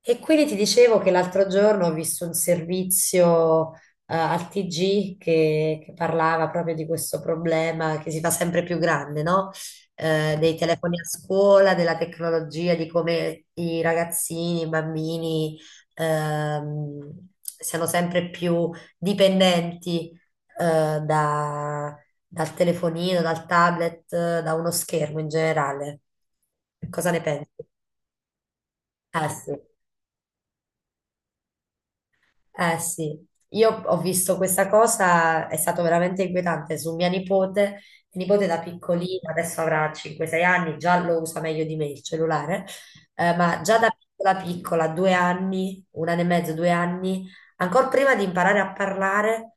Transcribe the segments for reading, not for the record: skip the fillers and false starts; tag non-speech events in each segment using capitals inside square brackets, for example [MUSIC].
E quindi ti dicevo che l'altro giorno ho visto un servizio al TG che parlava proprio di questo problema che si fa sempre più grande, no? Dei telefoni a scuola, della tecnologia, di come i ragazzini, i bambini siano sempre più dipendenti eh, da- dal telefonino, dal tablet, da uno schermo in generale. Cosa ne pensi? Ah, sì. Eh sì, io ho visto questa cosa, è stato veramente inquietante su mia nipote da piccolina, adesso avrà 5-6 anni, già lo usa meglio di me il cellulare, ma già da piccola piccola, due anni, un anno e mezzo, due anni, ancora prima di imparare a parlare,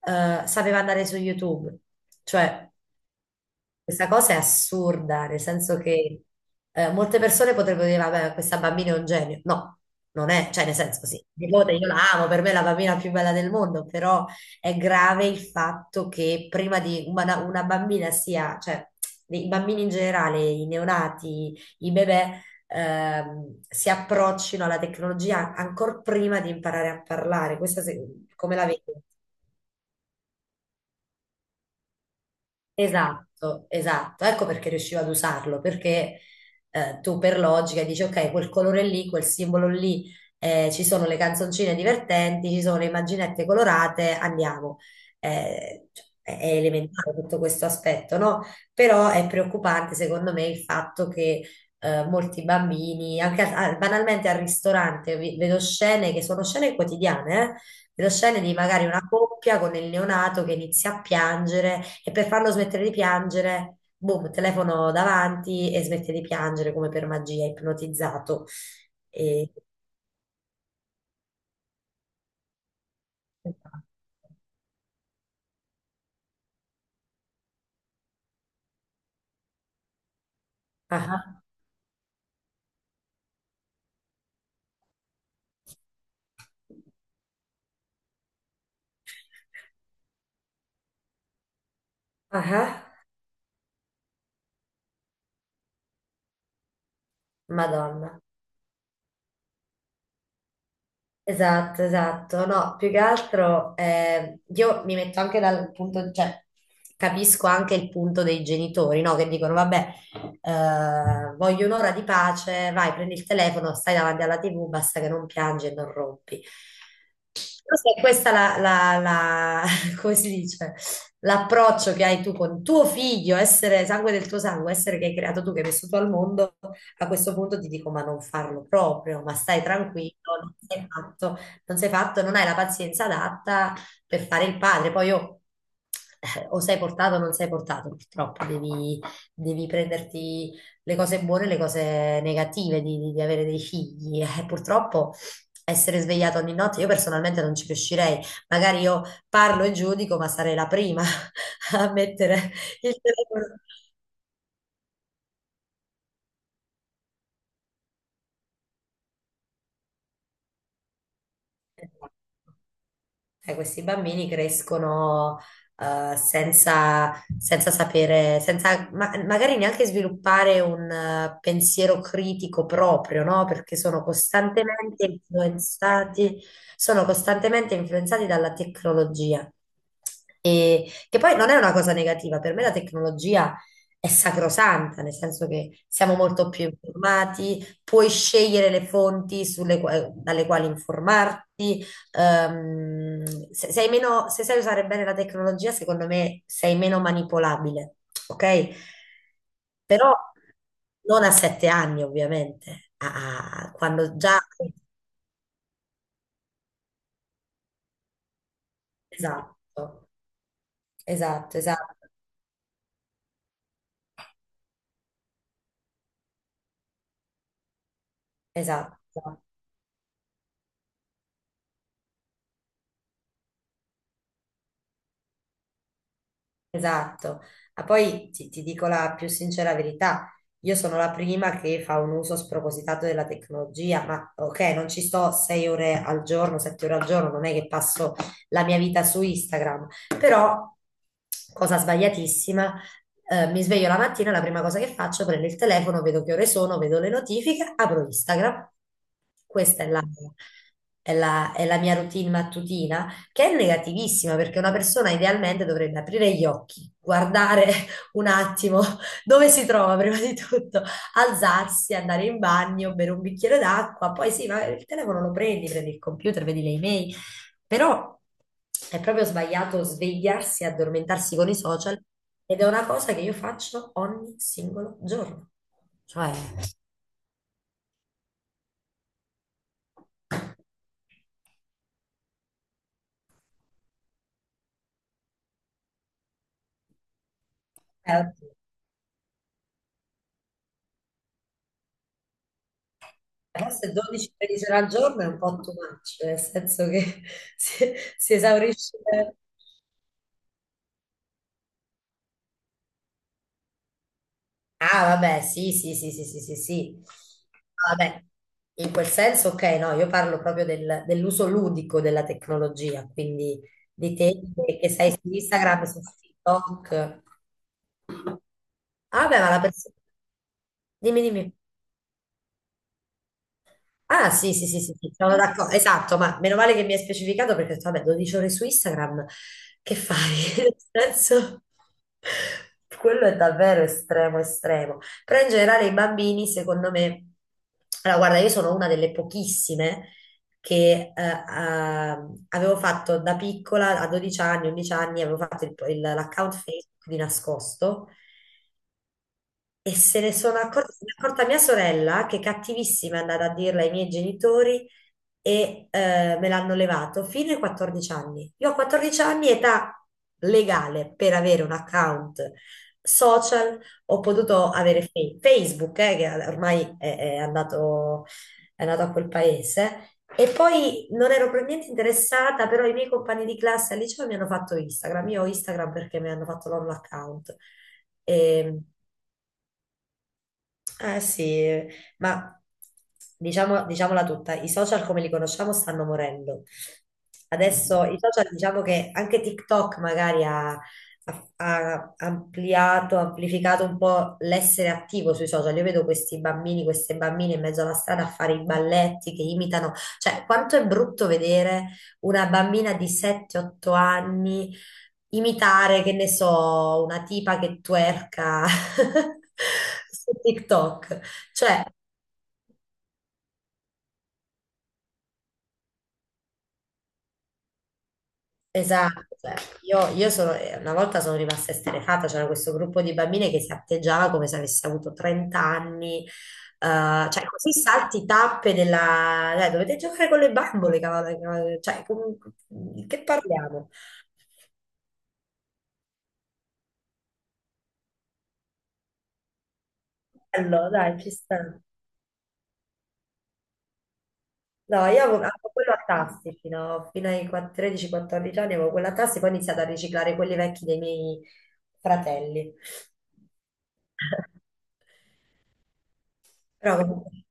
sapeva andare su YouTube, cioè questa cosa è assurda, nel senso che molte persone potrebbero dire, vabbè, questa bambina è un genio. No, non è, cioè nel senso sì, mia nipote io la amo, per me è la bambina più bella del mondo, però è grave il fatto che prima di una bambina sia, cioè i bambini in generale, i neonati, i bebè, si approccino alla tecnologia ancora prima di imparare a parlare. Questa come la vedi? Esatto, esatto. Ecco perché riuscivo ad usarlo, perché tu per logica dici, ok, quel colore lì, quel simbolo lì, ci sono le canzoncine divertenti, ci sono le immaginette colorate, andiamo. Cioè, è elementare tutto questo aspetto, no? Però è preoccupante secondo me il fatto che molti bambini, anche banalmente al ristorante, vedo scene che sono scene quotidiane, vedo scene di magari una coppia con il neonato che inizia a piangere e per farlo smettere di piangere, boom, telefono davanti e smette di piangere come per magia, ipnotizzato. E... Ah, ah, ah, ah, ah, Madonna. Esatto, esatto. No, più che altro io mi metto anche dal punto, cioè capisco anche il punto dei genitori, no? Che dicono, vabbè, voglio un'ora di pace, vai, prendi il telefono, stai davanti alla TV, basta che non piangi e non rompi. Forse è questa [LAUGHS] come si dice, l'approccio che hai tu con tuo figlio, essere sangue del tuo sangue, essere che hai creato tu, che hai messo tu al mondo, a questo punto ti dico, ma non farlo proprio, ma stai tranquillo, non sei fatto, non sei fatto, non hai la pazienza adatta per fare il padre. Poi io, o sei portato o non sei portato, purtroppo devi, devi prenderti le cose buone e le cose negative di, di avere dei figli. Purtroppo essere svegliata ogni notte, io personalmente non ci riuscirei. Magari io parlo e giudico, ma sarei la prima [LAUGHS] a mettere il telefono. Cioè, questi bambini crescono eh, senza, senza sapere, senza magari neanche sviluppare un pensiero critico proprio, no? Perché sono costantemente influenzati dalla tecnologia. E, che poi non è una cosa negativa, per me la tecnologia è sacrosanta, nel senso che siamo molto più informati, puoi scegliere le fonti dalle quali informarti ehm, se, sei meno, se sai usare bene la tecnologia, secondo me sei meno manipolabile, ok? Però non a sette anni, ovviamente, quando già. Esatto, esatto, esatto, esatto. Esatto, ma poi ti dico la più sincera verità, io sono la prima che fa un uso spropositato della tecnologia, ma ok, non ci sto sei ore al giorno, sette ore al giorno, non è che passo la mia vita su Instagram, però, cosa sbagliatissima, mi sveglio la mattina, la prima cosa che faccio, prendo il telefono, vedo che ore sono, vedo le notifiche, apro Instagram. Questa è la mia routine mattutina che è negativissima perché una persona idealmente dovrebbe aprire gli occhi, guardare [LAUGHS] un attimo dove si trova prima di tutto, alzarsi, andare in bagno, bere un bicchiere d'acqua, poi sì, ma il telefono lo prendi, prendi il computer, vedi le email, però è proprio sbagliato svegliarsi e addormentarsi con i social ed è una cosa che io faccio ogni singolo giorno. Cioè, è forse 12 13 ore al giorno è un po' too much, nel senso che [LAUGHS] si esaurisce. Ah, vabbè, sì, sì, sì, sì, sì, sì, sì. Ah, vabbè, in quel senso, ok, no, io parlo proprio dell'uso ludico della tecnologia, quindi di te che sei su Instagram, su TikTok. Ah, vabbè, ma la persona. Dimmi, dimmi. Ah, sì, sì, sì, sì, sì, sono d'accordo, esatto, ma meno male che mi hai specificato perché ho detto, vabbè, 12 ore su Instagram, che fai? [LAUGHS] Nel senso, quello è davvero estremo, estremo. Però in generale i bambini, secondo me, allora guarda, io sono una delle pochissime che avevo fatto da piccola, a 12 anni, 11 anni, avevo fatto l'account Facebook di nascosto e se ne è accorta mia sorella, che cattivissima è andata a dirla ai miei genitori e me l'hanno levato fino ai 14 anni. Io a 14 anni, età legale per avere un account social, ho potuto avere Facebook, che ormai è andato a quel paese. E poi non ero per niente interessata, però i miei compagni di classe al liceo mi hanno fatto Instagram. Io ho Instagram perché mi hanno fatto loro l'account. Ehm, eh sì, ma diciamo, diciamola tutta, i social come li conosciamo stanno morendo. Adesso i social diciamo che anche TikTok magari ha, ampliato, amplificato un po' l'essere attivo sui social. Io vedo questi bambini, queste bambine in mezzo alla strada a fare i balletti che imitano. Cioè, quanto è brutto vedere una bambina di 7-8 anni imitare, che ne so, una tipa che twerka [LAUGHS] su TikTok. Cioè, esatto, cioè, io una volta sono rimasta esterrefatta, c'era questo gruppo di bambine che si atteggiava come se avesse avuto 30 anni, cioè così salti tappe della. Dai, dovete giocare con le bambole, cavolo, cavolo, cioè, che parliamo? Allora, dai, ci sta. No, io avevo quello a tassi fino ai 13-14 anni, avevo quello a tassi, poi ho iniziato a riciclare quelli vecchi dei miei fratelli. Però comunque,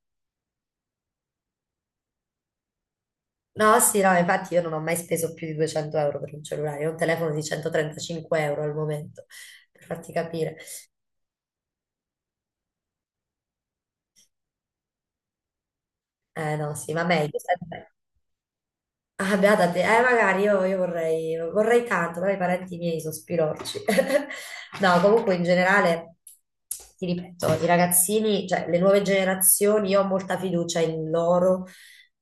no, sì, no, infatti io non ho mai speso più di 200 euro per un cellulare, ho un telefono di 135 euro al momento, per farti capire. Eh no, sì, ma meglio. Ah, beata te. Magari io vorrei, vorrei tanto, però i parenti miei sospirorci. [LAUGHS] No, comunque in generale, ti ripeto, i ragazzini, cioè le nuove generazioni, io ho molta fiducia in loro,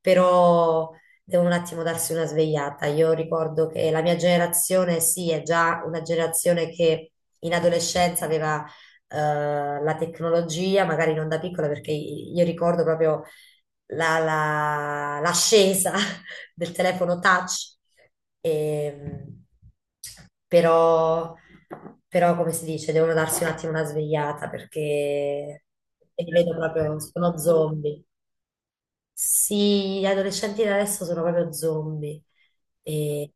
però devono un attimo darsi una svegliata. Io ricordo che la mia generazione, sì, è già una generazione che in adolescenza aveva la tecnologia, magari non da piccola, perché io ricordo proprio l'ascesa [LAUGHS] del telefono touch, e, però, però come si dice, devono darsi un attimo una svegliata perché li vedo proprio, sono zombie. Sì, gli adolescenti di adesso sono proprio zombie. E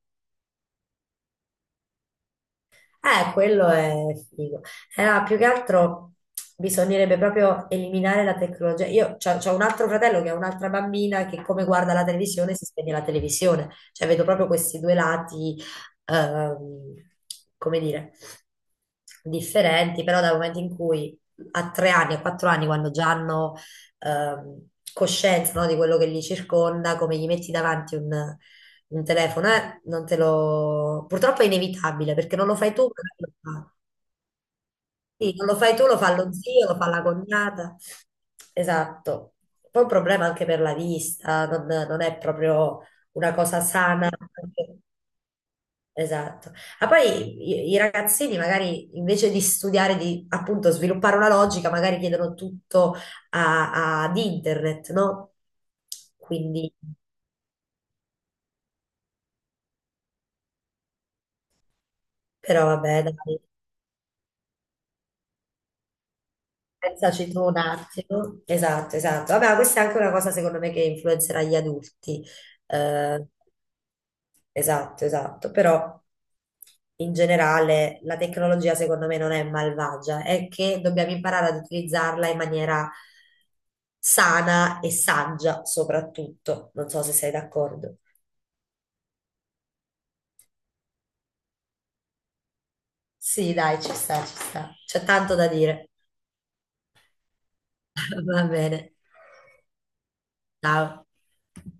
quello è figo. No, più che altro bisognerebbe proprio eliminare la tecnologia. Io ho un altro fratello che ha un'altra bambina che come guarda la televisione si spegne la televisione. Cioè vedo proprio questi due lati, ehm, come dire, differenti, però dal momento in cui a tre anni, a quattro anni, quando già hanno coscienza, no, di quello che li circonda, come gli metti davanti un telefono, non te lo. Purtroppo è inevitabile perché non lo fai tu, ma lo fa. Sì, non lo fai tu, lo fa lo zio, lo fa la cognata. Esatto. Poi è un problema anche per la vista, non è proprio una cosa sana. Esatto. Ma poi i ragazzini magari invece di studiare, di appunto sviluppare una logica, magari chiedono tutto ad internet, no? Quindi, però vabbè, dai, pensaci tu un attimo. Esatto, esatto. Vabbè, ma questa è anche una cosa secondo me che influenzerà gli adulti. Eh, Esatto, esatto, però in generale la tecnologia secondo me non è malvagia, è che dobbiamo imparare ad utilizzarla in maniera sana e saggia soprattutto. Non so se sei d'accordo. Sì, dai, ci sta, ci sta. C'è tanto da dire. [LAUGHS] Va bene. Ciao.